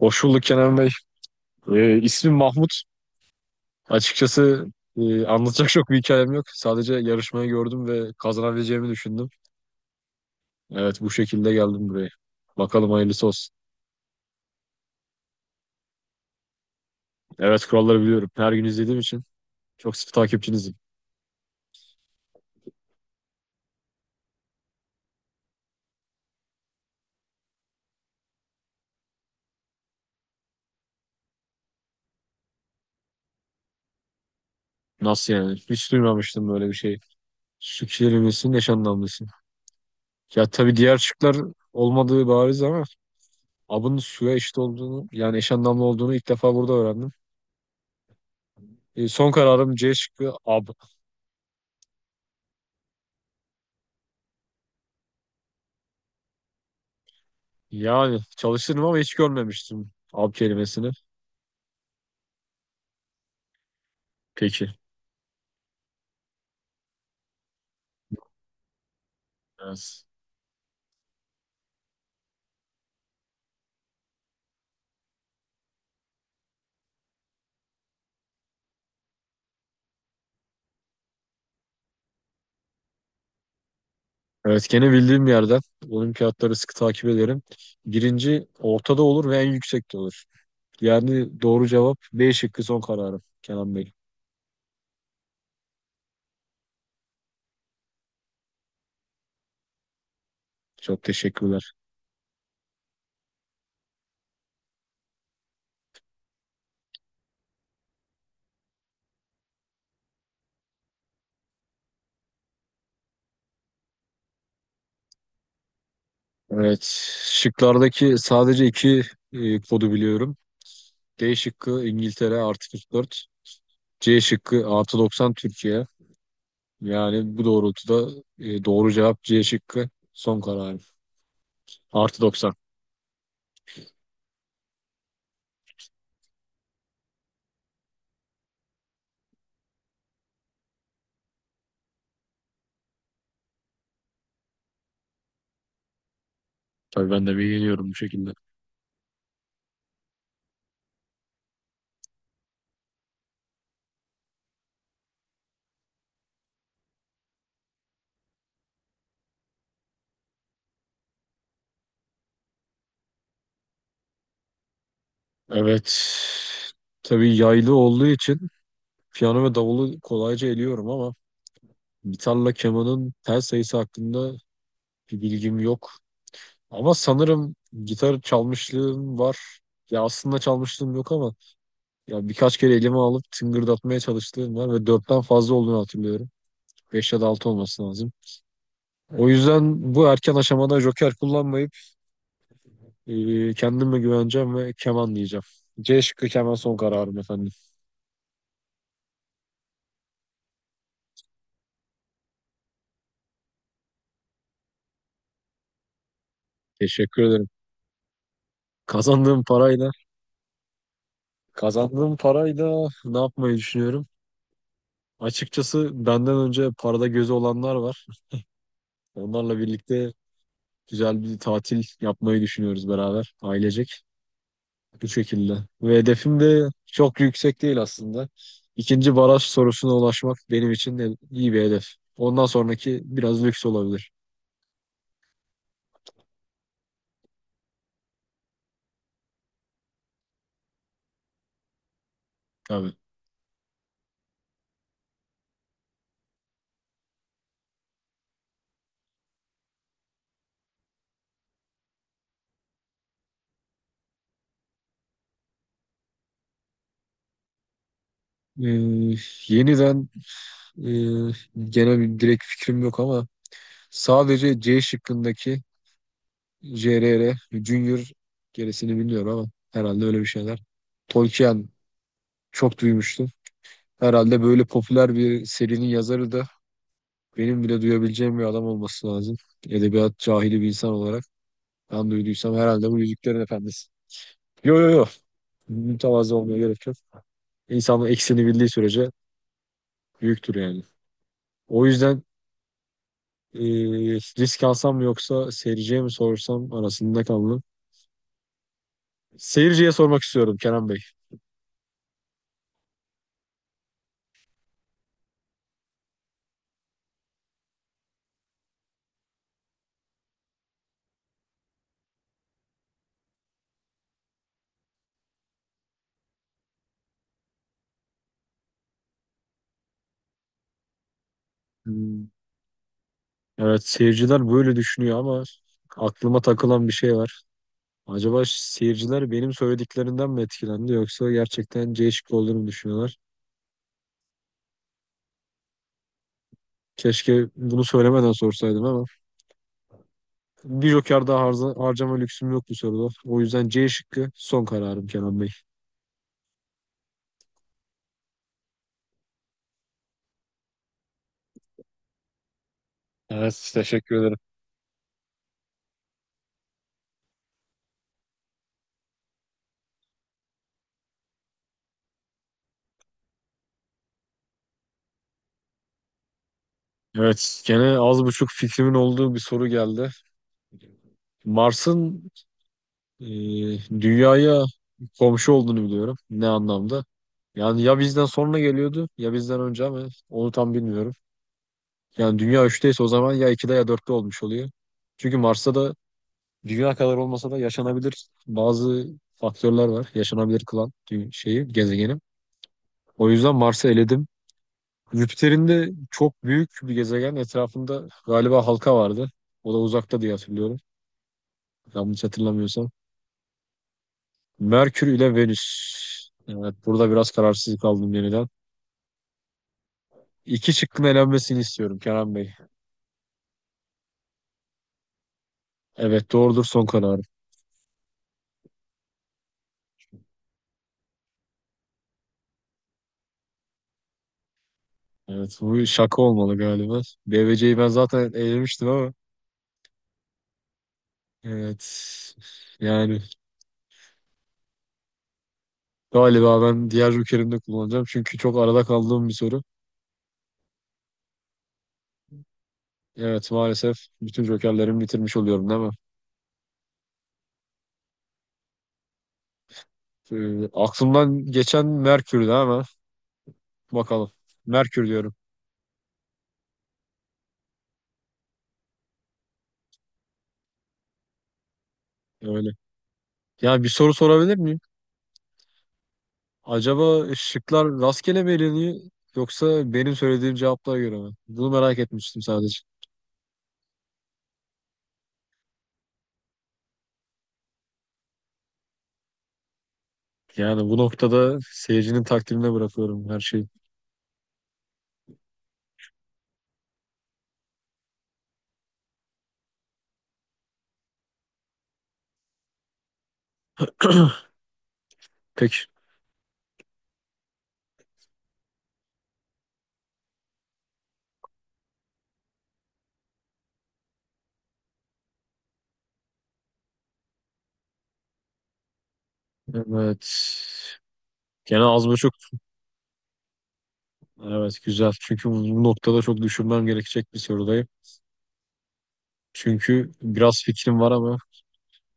Hoş bulduk Kenan Bey. İsmim Mahmut. Açıkçası anlatacak çok bir hikayem yok. Sadece yarışmayı gördüm ve kazanabileceğimi düşündüm. Evet bu şekilde geldim buraya. Bakalım hayırlısı olsun. Evet kuralları biliyorum. Her gün izlediğim için çok sıkı takipçinizim. Nasıl yani? Hiç duymamıştım böyle bir şey. Su kelimesinin eş anlamlısı. Ya tabii diğer şıklar olmadığı bariz ama abın suya eşit olduğunu yani eş anlamlı olduğunu ilk defa burada öğrendim. Son kararım C şıkkı ab. Yani çalışırım ama hiç görmemiştim ab kelimesini. Peki. Evet. Evet gene bildiğim bir yerden olimpiyatları sıkı takip ederim. Birinci ortada olur ve en yüksekte olur. Yani doğru cevap B şıkkı son kararım Kenan Bey. Çok teşekkürler. Evet şıklardaki sadece iki kodu biliyorum. D şıkkı İngiltere artı 44. C şıkkı artı 90 Türkiye. Yani bu doğrultuda doğru cevap C şıkkı son kararım. Artı 90. Tabii ben de bir geliyorum bu şekilde. Evet. Tabii yaylı olduğu için piyano ve davulu kolayca eliyorum ama gitarla kemanın tel sayısı hakkında bir bilgim yok. Ama sanırım gitar çalmışlığım var. Ya aslında çalmışlığım yok ama ya birkaç kere elime alıp tıngırdatmaya çalıştığım var ve dörtten fazla olduğunu hatırlıyorum. Beş ya da altı olması lazım. O yüzden bu erken aşamada joker kullanmayıp kendime güveneceğim ve keman diyeceğim. C şıkkı keman son kararım efendim. Teşekkür ederim. Kazandığım parayla, kazandığım parayla ne yapmayı düşünüyorum? Açıkçası benden önce parada gözü olanlar var. Onlarla birlikte güzel bir tatil yapmayı düşünüyoruz beraber ailecek. Bu şekilde. Ve hedefim de çok yüksek değil aslında. İkinci baraj sorusuna ulaşmak benim için de iyi bir hedef. Ondan sonraki biraz lüks olabilir. Tabii. Ee, yeniden e, gene bir direkt fikrim yok ama sadece C şıkkındaki JRR, Junior gerisini bilmiyorum ama herhalde öyle bir şeyler. Tolkien çok duymuştum. Herhalde böyle popüler bir serinin yazarı da benim bile duyabileceğim bir adam olması lazım. Edebiyat cahili bir insan olarak ben duyduysam herhalde bu Yüzüklerin Efendisi. Yo yo yo. Mütevazı olmaya gerek yok. İnsanın eksini bildiği sürece büyüktür yani. O yüzden e, risk alsam mı yoksa seyirciye mi sorsam arasında kaldım. Seyirciye sormak istiyorum Kerem Bey. Hmm, Evet seyirciler böyle düşünüyor ama aklıma takılan bir şey var. Acaba seyirciler benim söylediklerinden mi etkilendi yoksa gerçekten C şıkkı olduğunu mu düşünüyorlar? Keşke bunu söylemeden sorsaydım ama bir joker daha harcama lüksüm yok bu soruda. O yüzden C şıkkı son kararım Kenan Bey. Evet, teşekkür ederim. Evet gene az buçuk fikrimin olduğu bir soru geldi. Mars'ın e, dünyaya komşu olduğunu biliyorum. Ne anlamda? Yani ya bizden sonra geliyordu ya bizden önce ama onu tam bilmiyorum. Yani dünya üçteyse o zaman ya 2'de ya dörtte olmuş oluyor. Çünkü Mars'ta da dünya kadar olmasa da yaşanabilir bazı faktörler var. Yaşanabilir kılan şeyi, gezegeni. O yüzden Mars'ı eledim. Jüpiter'in de çok büyük bir gezegen etrafında galiba halka vardı. O da uzakta diye hatırlıyorum. Yanlış hatırlamıyorsam. Merkür ile Venüs. Evet burada biraz kararsız kaldım yeniden. İki şıkkın elenmesini istiyorum Kenan Bey. Evet doğrudur son karar. Evet bu şaka olmalı galiba. BVC'yi ben zaten elemiştim ama evet yani galiba ben diğer jokerimi de kullanacağım. Çünkü çok arada kaldığım bir soru. Evet maalesef bütün jokerlerimi bitirmiş oluyorum değil mi? Aklımdan geçen Merkür'dü ama bakalım. Merkür diyorum öyle. Yani bir soru sorabilir miyim? Acaba şıklar rastgele mi eleniyor yoksa benim söylediğim cevaplara göre mi? Bunu merak etmiştim sadece. Yani bu noktada seyircinin takdirine bırakıyorum her şeyi. Pek Evet. Gene az buçuk. Evet güzel. Çünkü bu noktada çok düşünmem gerekecek bir sorudayım. Çünkü biraz fikrim var ama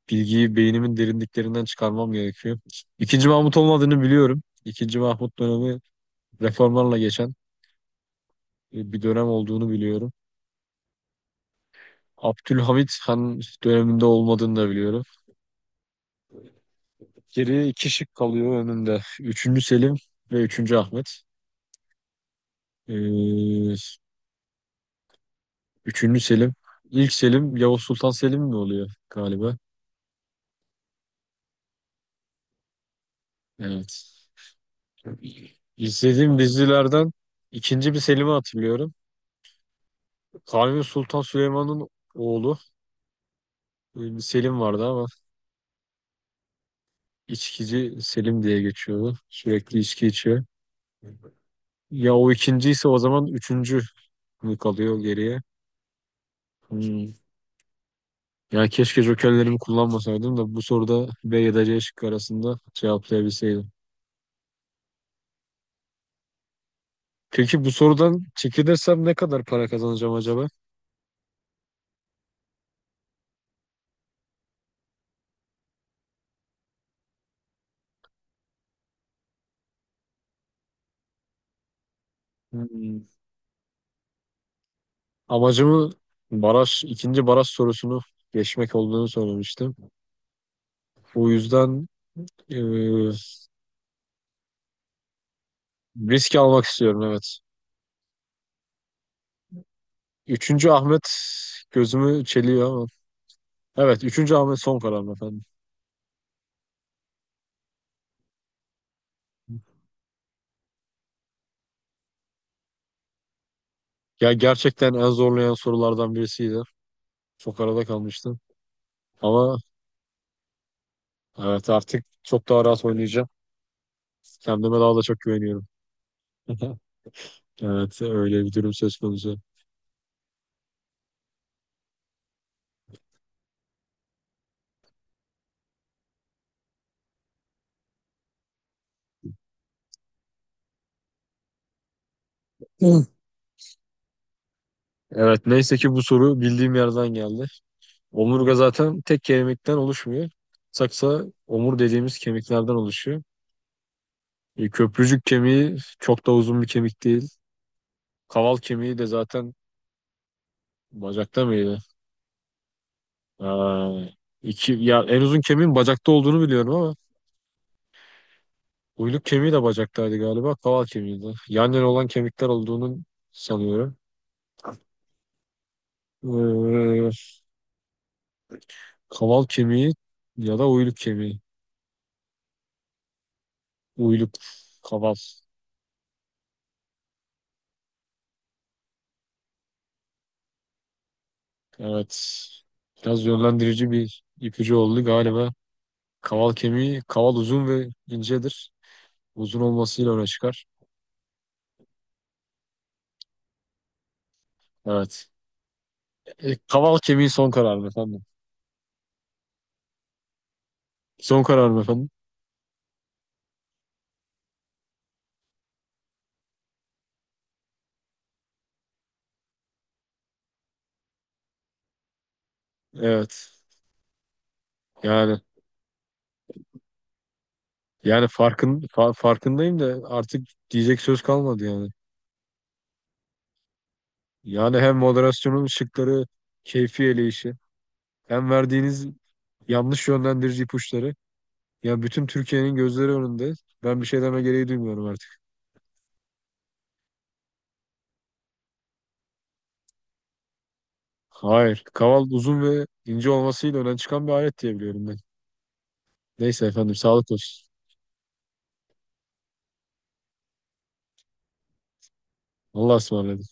bilgiyi beynimin derinliklerinden çıkarmam gerekiyor. İkinci Mahmut olmadığını biliyorum. İkinci Mahmut dönemi reformlarla geçen bir dönem olduğunu biliyorum. Abdülhamit Han döneminde olmadığını da biliyorum. Geriye iki şık kalıyor önümde. Üçüncü Selim ve üçüncü Ahmet. Ee, üçüncü Selim. İlk Selim Yavuz Sultan Selim mi oluyor galiba? Evet. İzlediğim dizilerden ikinci bir Selim'i hatırlıyorum. Kanuni Sultan Süleyman'ın oğlu bir Selim vardı ama içkici Selim diye geçiyordu. Sürekli içki içiyor. Ya o ikinciyse o zaman üçüncü mü kalıyor geriye? Hmm. Ya keşke jokerlerimi kullanmasaydım da bu soruda B ya da C şıkkı arasında cevaplayabilseydim. Peki bu sorudan çekilirsem ne kadar para kazanacağım acaba? Hmm. Amacımı baraj, ikinci baraj sorusunu geçmek olduğunu söylemiştim. Bu yüzden e, risk almak istiyorum evet. Üçüncü Ahmet gözümü çeliyor ama. Evet, üçüncü Ahmet son kararım efendim. Ya gerçekten en zorlayan sorulardan birisiydi. Çok arada kalmıştım. Ama evet artık çok daha rahat oynayacağım. Kendime daha da çok güveniyorum. Evet öyle bir durum söz konusu. Hı. Evet neyse ki bu soru bildiğim yerden geldi. Omurga zaten tek kemikten oluşmuyor. Saksa omur dediğimiz kemiklerden oluşuyor. Köprücük kemiği çok da uzun bir kemik değil. Kaval kemiği de zaten bacakta mıydı? Aa, iki, ya en uzun kemiğin bacakta olduğunu biliyorum ama uyluk kemiği de bacaktaydı galiba. Kaval kemiği de. Yan yana olan kemikler olduğunu sanıyorum. Ee, kaval kemiği ya da uyluk kemiği. Uyluk, kaval. Evet. Biraz yönlendirici bir ipucu oldu galiba. Kaval kemiği, kaval uzun ve incedir. Uzun olmasıyla öne çıkar. Evet. Kaval kemiği son kararım efendim. Son kararım efendim. Evet. Yani yani farkındayım da artık diyecek söz kalmadı yani. Yani hem moderasyonun şıkları, keyfi eleyişi, hem verdiğiniz yanlış yönlendirici ipuçları. Ya bütün Türkiye'nin gözleri önünde. Ben bir şey deme gereği duymuyorum artık. Hayır. Kaval uzun ve ince olmasıyla öne çıkan bir alet diye biliyorum ben. Neyse efendim, sağlık olsun. Allah'a ısmarladık.